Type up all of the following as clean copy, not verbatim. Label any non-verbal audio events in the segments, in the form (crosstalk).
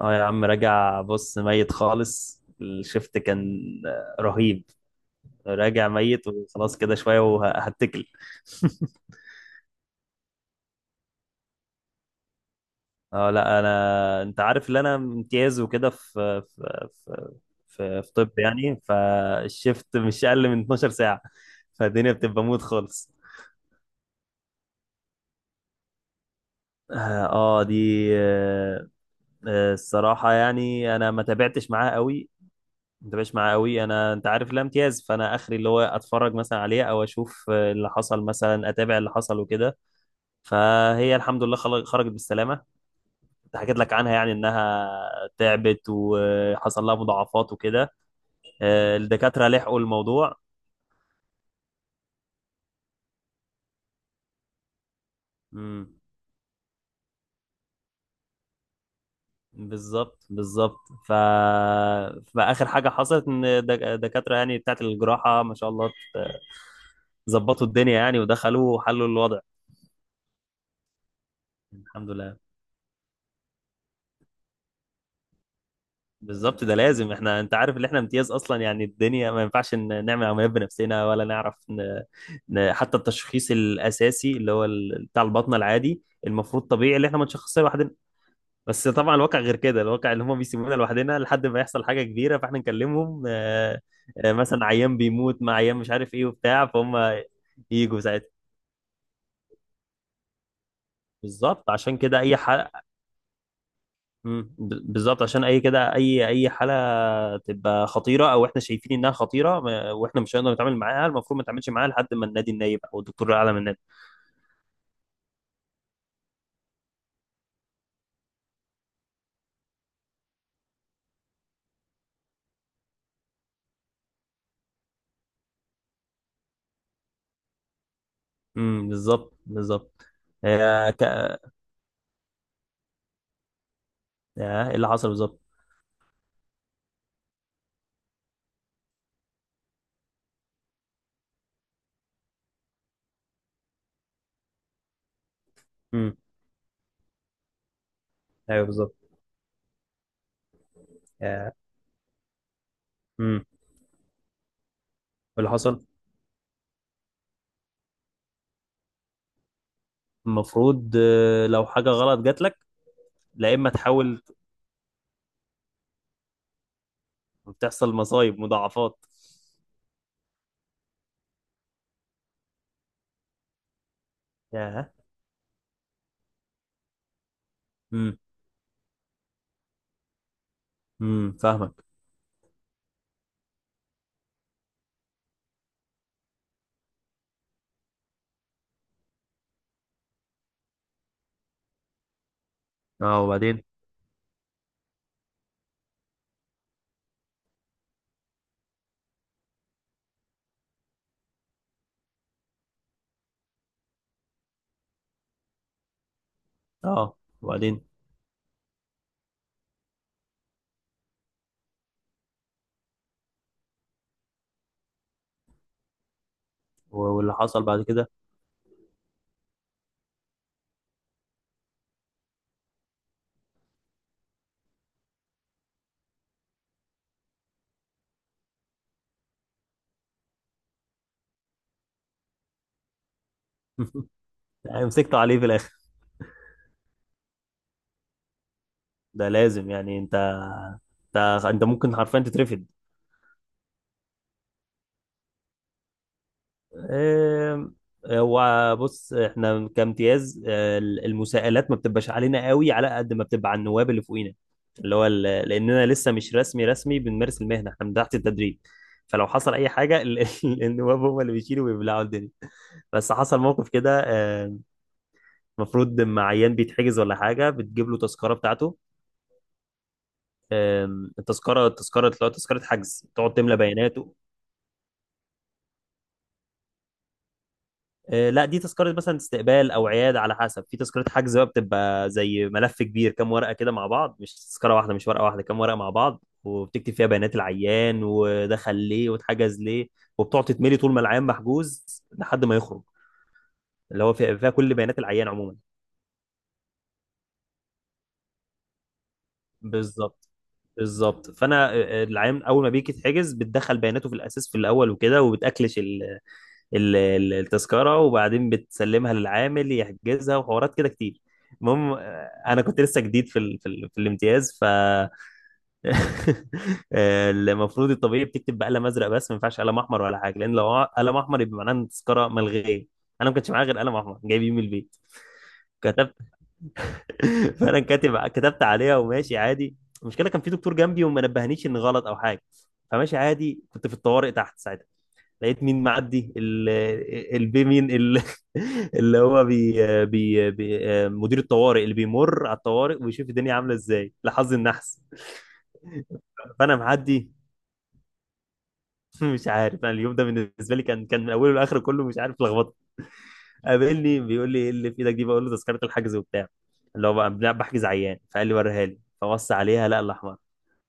اه، يا عم، راجع. بص ميت خالص، الشفت كان رهيب. راجع ميت وخلاص، كده شوية وهتكل (laughs) اه، لا، انا انت عارف ان انا امتياز وكده، في في في في, في طب يعني فالشفت مش اقل من 12 ساعة. فالدنيا بتبقى موت خالص. اه آه، دي آه، آه، الصراحة، يعني انا ما تابعتش معاه قوي. انت مش معاه قوي، انا انت عارف، لا امتياز، فانا اخري اللي هو اتفرج مثلا عليه، او اشوف اللي حصل، مثلا اتابع اللي حصل وكده. فهي الحمد لله خرجت بالسلامه. كنت حكيت لك عنها، يعني انها تعبت وحصل لها مضاعفات وكده. الدكاتره لحقوا الموضوع. امم بالظبط، بالظبط. ف فاخر حاجه حصلت ان الدكاتره، يعني بتاعت الجراحه، ما شاء الله، ظبطوا الدنيا يعني، ودخلوا وحلوا الوضع. الحمد لله. بالظبط، ده لازم. احنا انت عارف ان احنا امتياز اصلا، يعني الدنيا ما ينفعش نعمل عمليات بنفسنا، ولا نعرف. حتى التشخيص الاساسي، اللي هو بتاع البطنه العادي، المفروض طبيعي اللي احنا ما نشخصها لوحدنا. بس طبعا الواقع غير كده، الواقع اللي هم بيسيبونا لوحدنا لحد ما يحصل حاجه كبيره، فاحنا نكلمهم. مثلا عيان بيموت، مع عيان مش عارف ايه وبتاع فهم، يجوا ساعتها. بالظبط، عشان كده اي ح... مم. ب- بالظبط، عشان اي كده، اي حاله تبقى خطيره، او احنا شايفين انها خطيره، واحنا مش هنقدر نتعامل معاها، المفروض ما نتعاملش معاها لحد ما النادي النايب او الدكتور الاعلى من النادي. بالظبط، بالظبط. آه، ك... ايه اللي حصل بالظبط؟ امم ايوه، بالظبط. آه، إيه اللي حصل؟ المفروض، لو حاجه غلط جات لك، لا، اما تحاول. تحصل مصايب، مضاعفات. ياه. امم فاهمك. اه، وبعدين. اه، وبعدين. واللي حصل بعد كده؟ (laughs) يعني مسكته عليه في الاخر؟ ده لازم، يعني انت ممكن حرفيا تترفد. آم، هو بص، احنا كامتياز، المساءلات ما بتبقاش علينا قوي، على قد ما بتبقى على النواب اللي فوقينا، اللي هو ال- لاننا لسه مش رسمي رسمي بنمارس المهنه، احنا من تحت التدريب. فلو حصل اي حاجه، (laughs) النواب هم اللي بيشيلوا ويبلعوا الدنيا. بس حصل موقف كده. آم، المفروض لما عيان بيتحجز ولا حاجه، بتجيب له تذكره بتاعته. التذكره، التذكره اللي هو تذكره حجز، تقعد تملى بياناته. لا، دي تذكرة مثلا استقبال أو عيادة على حسب. في تذكرة حجز بقى، بتبقى زي ملف كبير، كام ورقة كده مع بعض، مش تذكرة واحدة، مش ورقة واحدة، كام ورقة مع بعض، وبتكتب فيها بيانات العيان، ودخل ليه واتحجز ليه، وبتقعد تتملي طول ما العيان محجوز لحد ما يخرج. اللي هو فيها، فيها كل بيانات العيان عموما. بالظبط، بالظبط. فأنا، العيان أول ما بيجي يتحجز، بتدخل بياناته في الأساس في الأول وكده، وبتأكلش التذكرة، وبعدين بتسلمها للعامل يحجزها، وحوارات كده كتير. المهم، انا كنت لسه جديد في الامتياز. (laughs) المفروض الطبيعي بتكتب بقلم ازرق، بس ما ينفعش قلم احمر ولا حاجه، لان لو قلم احمر يبقى معناه ان التذكره ملغيه. انا ما كانش معايا غير قلم احمر، جايبيه من البيت. كتبت (laughs) فانا كاتب، كتبت عليها وماشي عادي. المشكله، كان في دكتور جنبي وما نبهنيش ان غلط او حاجه. فماشي عادي، كنت في الطوارئ تحت ساعتها. لقيت مين معدي؟ البي مين؟ (laughs) اللي هو بي، بي، مدير الطوارئ، اللي بيمر على الطوارئ ويشوف الدنيا عامله ازاي. لحظ النحس. فانا معدي. (laughs) مش عارف، انا اليوم ده بالنسبه لي كان من اوله لاخره كله مش عارف لخبطه. قابلني بيقول لي: ايه اللي في ايدك دي؟ بقول له: تذكره الحجز وبتاع، اللي هو بقى بحجز عيان. فقال لي: وريها لي. فبص عليها، لا الاحمر.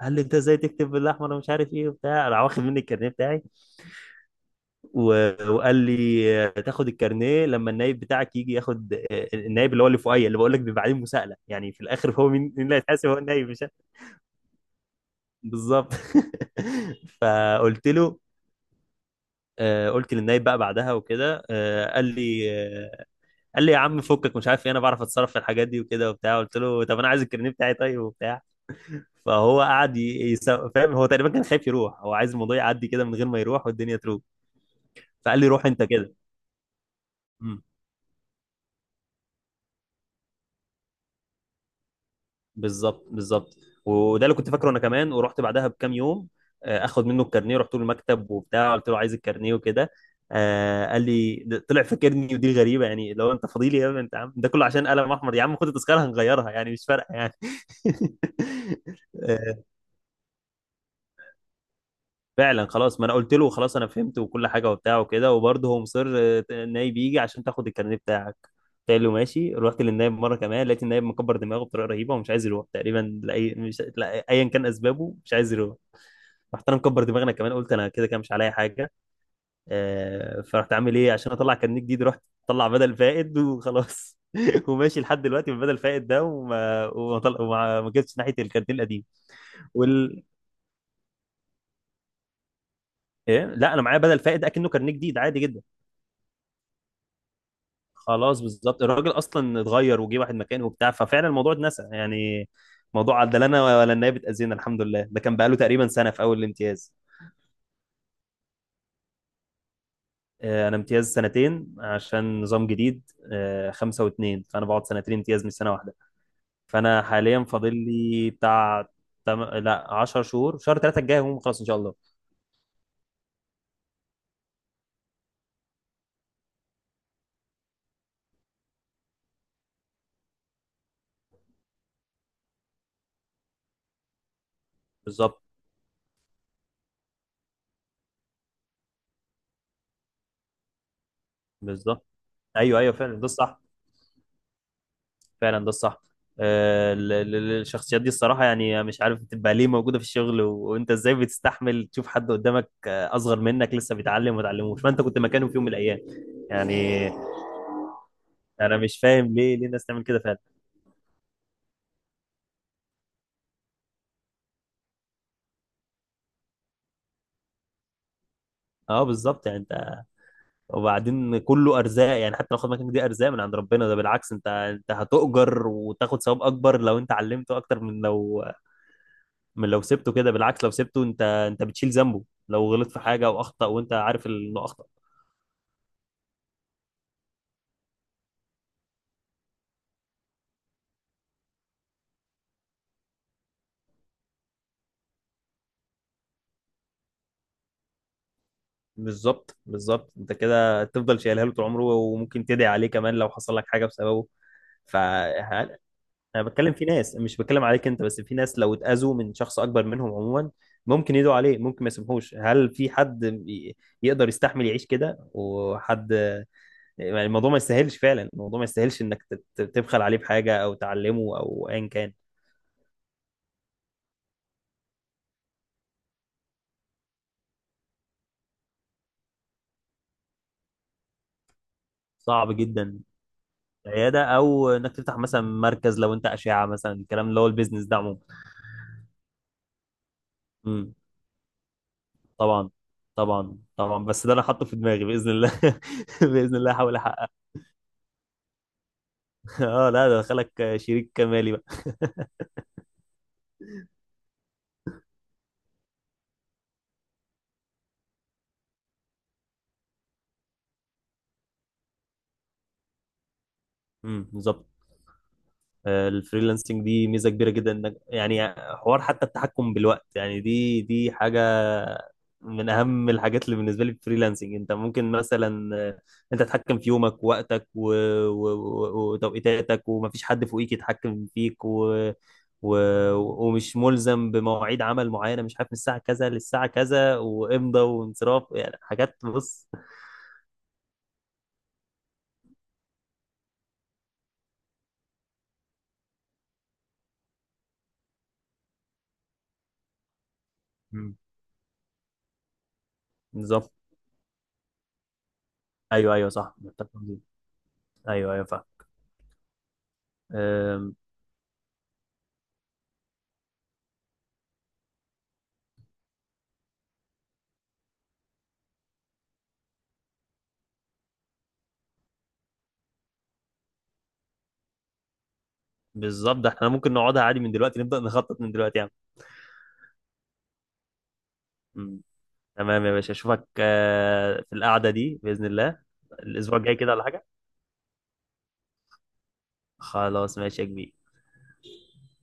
قال لي: انت ازاي تكتب بالاحمر ومش عارف ايه وبتاع؟ راح واخد مني الكارنيه بتاعي. وقال لي: تاخد الكارنيه لما النايب بتاعك يجي ياخد. النايب اللي هو اللي فوقيا، اللي بقول لك بيبقى عليه مساءله، يعني في الاخر، هو مين اللي هيتحاسب؟ هو النايب، مش أنا. بالظبط. (laughs) فقلت له، قلت للنايب بقى بعدها وكده. قال لي: يا عم فكك مش عارف ايه، انا بعرف اتصرف في الحاجات دي وكده وبتاع. قلت له: طب انا عايز الكارنيه بتاعي، طيب، وبتاع. فهو قعد فاهم، هو تقريبا كان خايف يروح، هو عايز الموضوع يعدي كده من غير ما يروح والدنيا تروح. فقال لي: روح انت كده. بالظبط، بالظبط. وده اللي كنت فاكره انا كمان. ورحت بعدها بكام يوم، اخد منه الكارنيه، رحت له المكتب وبتاع، قلت له عايز الكارنيه وكده. قال لي: طلع فاكرني، ودي غريبه يعني، لو انت فضيلي يا ابني، انت عم ده كله عشان قلم احمر؟ يا عم خد التذكره هنغيرها يعني، مش فارقه يعني. (laughs) فعلا خلاص، ما انا قلت له خلاص انا فهمت وكل حاجه وبتاع وكده، وبرضه هو مصر النايب يجي عشان تاخد الكارنيه بتاعك. قلت له ماشي. رحت للنايب مره كمان، لقيت النايب مكبر دماغه بطريقه رهيبه، ومش عايز يروح، تقريبا لاي، مش، لا، ايا كان اسبابه، مش عايز يروح. رحت انا مكبر دماغنا كمان، قلت انا كده كده مش عليا حاجه. فرحت عامل ايه؟ عشان اطلع كارنيه جديد، رحت اطلع بدل فائد وخلاص. (laughs) وماشي لحد دلوقتي بالبدل فائد ده، ما جبتش ناحيه الكارنيه القديم. وال... إيه؟ لا، انا معايا بدل فائد اكنه كارنيه جديد، عادي جدا. خلاص، بالظبط. الراجل اصلا اتغير، وجه واحد مكانه وبتاع، ففعلا الموضوع اتنسى، يعني موضوع عدلنا ولا النائب اتأذينا، الحمد لله. ده كان بقاله تقريبا سنه في اول الامتياز. انا امتياز سنتين عشان نظام جديد. خمسه واتنين، فانا بقعد سنتين امتياز مش سنه واحده. فانا حاليا فاضل لي بتاع، لا 10 شهور. شهر ثلاثه الجاي هم خلاص، ان شاء الله. بالظبط، بالظبط. ايوه، ايوه، فعلا ده الصح، فعلا ده الصح. الشخصيات دي الصراحة، يعني مش عارف بتبقى ليه موجودة في الشغل؟ وانت ازاي بتستحمل تشوف حد قدامك، اصغر منك، لسه بيتعلم وما اتعلموش، فانت كنت مكانه في يوم من الايام، يعني. انا مش فاهم ليه الناس تعمل كده فعلا. اه، بالظبط، يعني انت. وبعدين كله ارزاق يعني، حتى لو خد مكانك، دي ارزاق من عند ربنا، ده بالعكس، انت انت هتؤجر وتاخد ثواب اكبر لو انت علمته، اكتر من لو سبته كده. بالعكس لو سبته، انت بتشيل ذنبه لو غلط في حاجة او اخطأ، وانت عارف انه اخطأ. بالظبط، بالظبط. انت كده تفضل شايلها له طول عمره، وممكن تدعي عليه كمان لو حصل لك حاجه بسببه. ف انا بتكلم في ناس، مش بتكلم عليك انت، بس في ناس لو اتاذوا من شخص اكبر منهم عموما، ممكن يدعوا عليه، ممكن ما يسمحوش. هل في حد يقدر يستحمل يعيش كده؟ وحد يعني، الموضوع ما يستاهلش، فعلا الموضوع ما يستاهلش انك تبخل عليه بحاجه او تعلمه او ايا كان. صعب جدا. عياده، او انك تفتح مثلا مركز لو انت اشعه مثلا، الكلام اللي هو البيزنس ده. عموما. طبعا، طبعا، طبعا، بس ده انا حاطه في دماغي، باذن الله. (laughs) باذن الله هحاول احقق. اه، لا، ده دخلك شريك مالي بقى. بالظبط. الفريلانسنج دي ميزه كبيره جدا، انك يعني حوار حتى التحكم بالوقت، يعني دي حاجه من اهم الحاجات اللي بالنسبه لي في الفريلانسنج. انت ممكن مثلا، انت تتحكم في يومك ووقتك وتوقيتاتك، ومفيش حد فوقيك يتحكم فيك، و... ومش ملزم بمواعيد عمل معينه، مش عارف من الساعه كذا للساعه كذا، وامضى وانصراف، يعني حاجات. بص. مم. نظام. ايوه، ايوه، صح، متفق. ايوه، ايوه، فاهم. بالظبط، ده احنا ممكن نقعدها عادي من دلوقتي، نبدأ نخطط من دلوقتي يعني. مم. تمام يا باشا، اشوفك في القعدة دي بإذن الله. الأسبوع الجاي كده ولا حاجة؟ خلاص، ماشي يا كبير.